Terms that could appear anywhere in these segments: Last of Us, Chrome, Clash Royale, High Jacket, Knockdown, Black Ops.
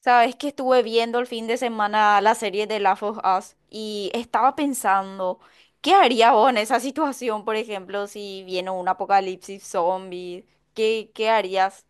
Sabes que estuve viendo el fin de semana la serie de Last of Us y estaba pensando, ¿qué haría vos en esa situación, por ejemplo, si viene un apocalipsis zombie? ¿Qué, qué harías?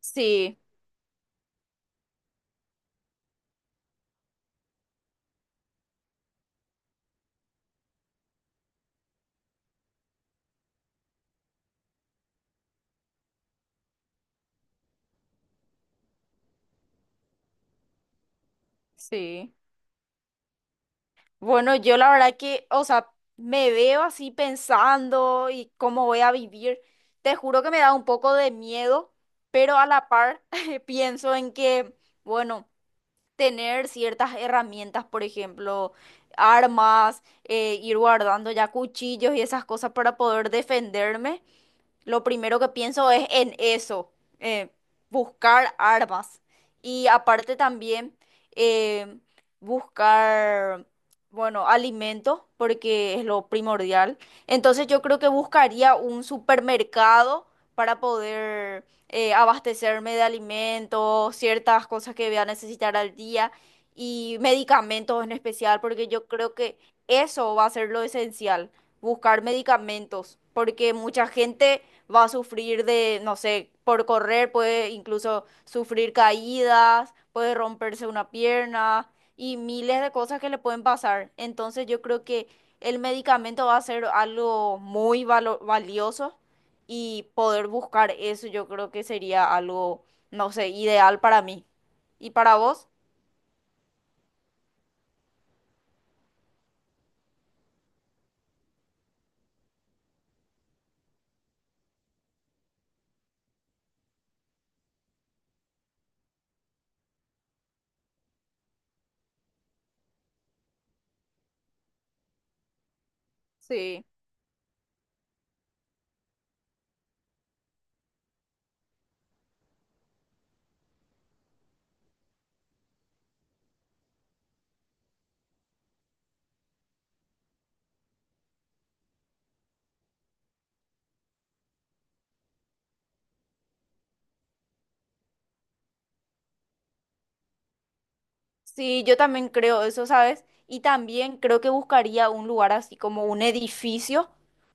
Sí, sí. Bueno, yo la verdad que, o sea, me veo así pensando y cómo voy a vivir. Te juro que me da un poco de miedo, pero a la par pienso en que, bueno, tener ciertas herramientas, por ejemplo, armas, ir guardando ya cuchillos y esas cosas para poder defenderme. Lo primero que pienso es en eso, eh, buscar armas. Y aparte también eh, buscar, bueno, alimentos, porque es lo primordial. Entonces yo creo que buscaría un supermercado para poder abastecerme de alimentos, ciertas cosas que voy a necesitar al día y medicamentos en especial, porque yo creo que eso va a ser lo esencial, buscar medicamentos, porque mucha gente va a sufrir de, no sé, por correr puede incluso sufrir caídas, puede romperse una pierna y miles de cosas que le pueden pasar. Entonces yo creo que el medicamento va a ser algo muy valioso y poder buscar eso yo creo que sería algo, no sé, ideal para mí. ¿Y para vos? Sí. Sí, yo también creo eso, ¿sabes? Y también creo que buscaría un lugar así como un edificio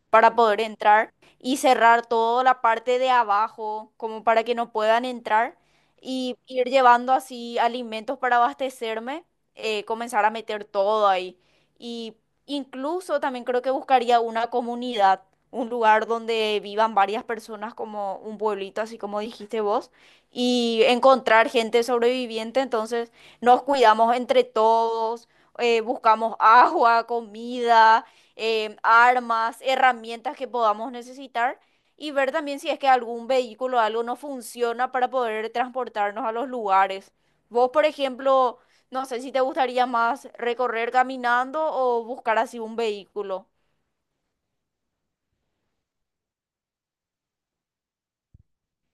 para poder entrar y cerrar toda la parte de abajo, como para que no puedan entrar y ir llevando así alimentos para abastecerme, comenzar a meter todo ahí. Y incluso también creo que buscaría una comunidad, un lugar donde vivan varias personas como un pueblito, así como dijiste vos, y encontrar gente sobreviviente, entonces nos cuidamos entre todos, buscamos agua, comida, armas, herramientas que podamos necesitar y ver también si es que algún vehículo o algo no funciona para poder transportarnos a los lugares. Vos, por ejemplo, no sé si te gustaría más recorrer caminando o buscar así un vehículo.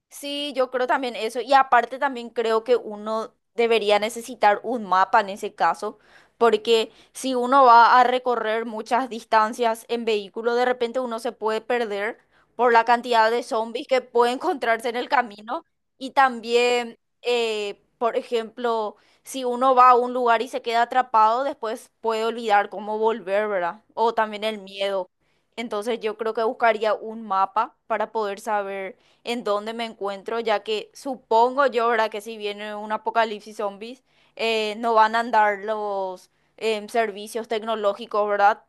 Sí, yo creo también eso. Y aparte también creo que uno debería necesitar un mapa en ese caso, porque si uno va a recorrer muchas distancias en vehículo, de repente uno se puede perder por la cantidad de zombies que puede encontrarse en el camino. Y también, por ejemplo, si uno va a un lugar y se queda atrapado, después puede olvidar cómo volver, ¿verdad? O también el miedo. Entonces yo creo que buscaría un mapa para poder saber en dónde me encuentro, ya que supongo yo, ¿verdad? Que si viene un apocalipsis zombies, no van a andar los servicios tecnológicos, ¿verdad?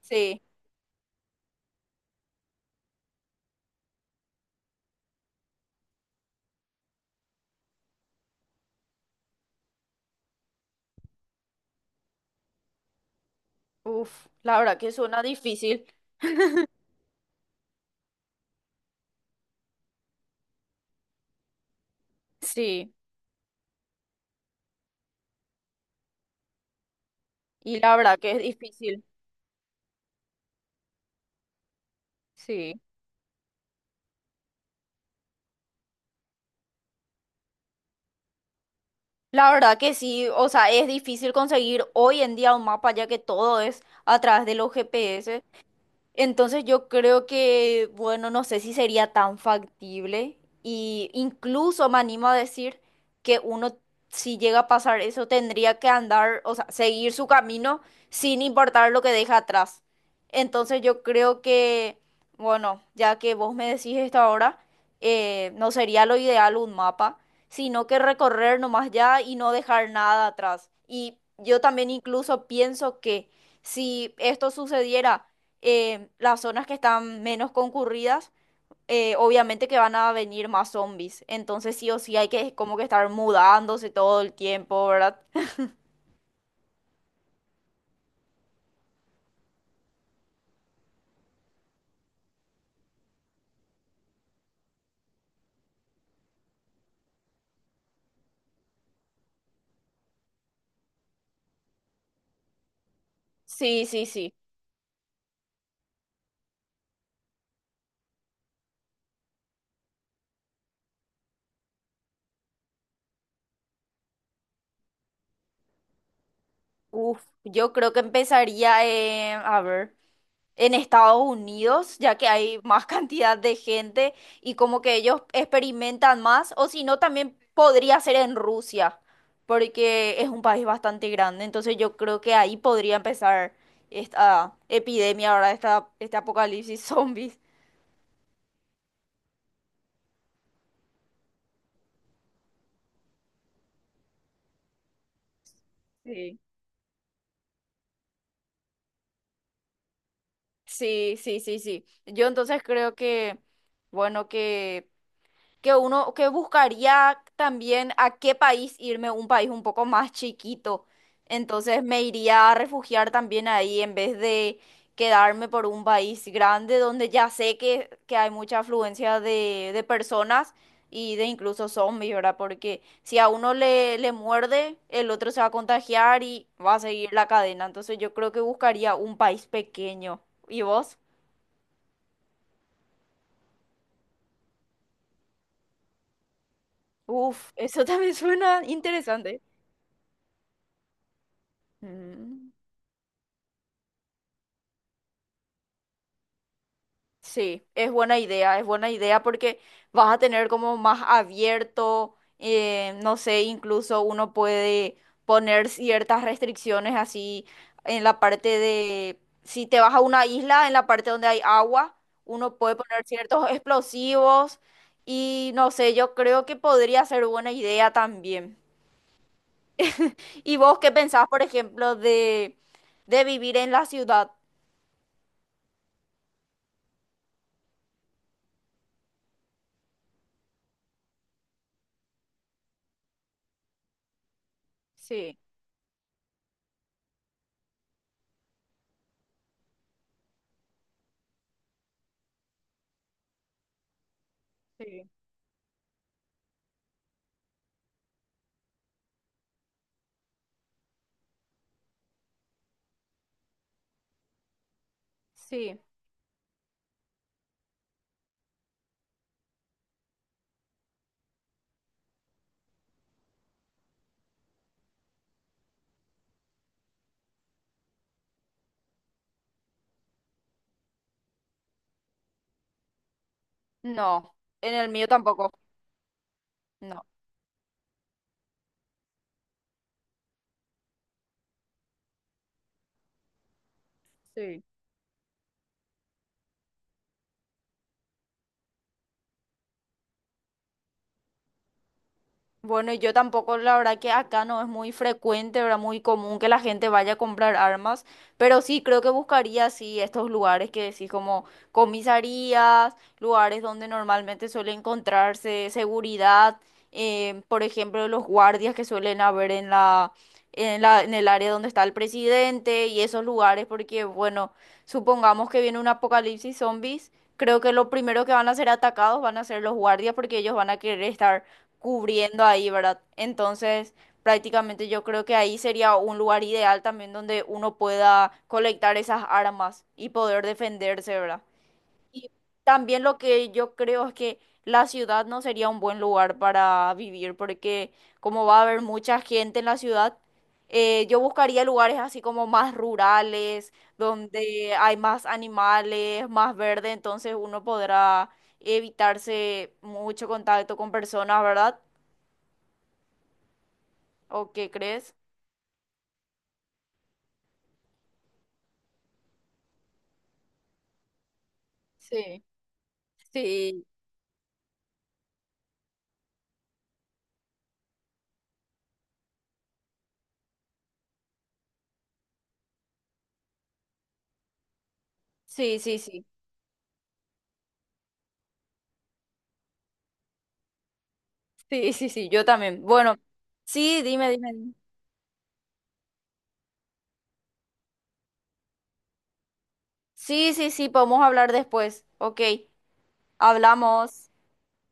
Sí. Uf, la verdad que suena difícil. Sí. Y la verdad que es difícil. Sí. La verdad que sí, o sea, es difícil conseguir hoy en día un mapa, ya que todo es a través de los GPS. Entonces yo creo que, bueno, no sé si sería tan factible y incluso me animo a decir que uno, si llega a pasar eso, tendría que andar, o sea, seguir su camino sin importar lo que deja atrás. Entonces yo creo que, bueno, ya que vos me decís esto ahora, no sería lo ideal un mapa, sino que recorrer nomás ya y no dejar nada atrás. Y yo también incluso pienso que si esto sucediera, las zonas que están menos concurridas, obviamente que van a venir más zombies. Entonces sí o sí hay que como que estar mudándose todo el tiempo, ¿verdad? Sí, sí, sí. Uf, yo creo que empezaría, a ver, en Estados Unidos, ya que hay más cantidad de gente y como que ellos experimentan más, o si no, también podría ser en Rusia, porque es un país bastante grande, entonces yo creo que ahí podría empezar esta epidemia, ahora esta, este apocalipsis zombies. Sí. Sí, sí, sí, sí. Yo entonces creo que, bueno, que uno que buscaría también a qué país irme, un país un poco más chiquito. Entonces me iría a refugiar también ahí en vez de quedarme por un país grande donde ya sé que hay mucha afluencia de personas y de incluso zombies, ¿verdad? Porque si a uno le, le muerde, el otro se va a contagiar y va a seguir la cadena. Entonces yo creo que buscaría un país pequeño. ¿Y vos? Uf, eso también suena interesante. Mm. Sí, es buena idea porque vas a tener como más abierto, no sé, incluso uno puede poner ciertas restricciones así en la parte de, si te vas a una isla, en la parte donde hay agua, uno puede poner ciertos explosivos y no sé, yo creo que podría ser buena idea también. ¿Y vos qué pensás, por ejemplo, de vivir en la ciudad? Sí, sí, sí. No, en el mío tampoco. No. Sí. Bueno, y yo tampoco, la verdad que acá no es muy frecuente, ¿verdad? Muy común que la gente vaya a comprar armas, pero sí creo que buscaría, sí, estos lugares que decís como comisarías, lugares donde normalmente suele encontrarse seguridad, por ejemplo, los guardias que suelen haber en la, en la, en el área donde está el presidente y esos lugares, porque bueno, supongamos que viene un apocalipsis zombies. Creo que lo primero que van a ser atacados van a ser los guardias porque ellos van a querer estar cubriendo ahí, ¿verdad? Entonces, prácticamente yo creo que ahí sería un lugar ideal también donde uno pueda colectar esas armas y poder defenderse, ¿verdad? Y también lo que yo creo es que la ciudad no sería un buen lugar para vivir porque como va a haber mucha gente en la ciudad, yo buscaría lugares así como más rurales, donde hay más animales, más verde, entonces uno podrá evitarse mucho contacto con personas, ¿verdad? ¿O qué crees? Sí, sí, sí, sí, sí. Sí, sí, sí, yo también. Bueno, sí, dime, dime, dime. Sí, sí, sí, podemos hablar después. Ok, hablamos.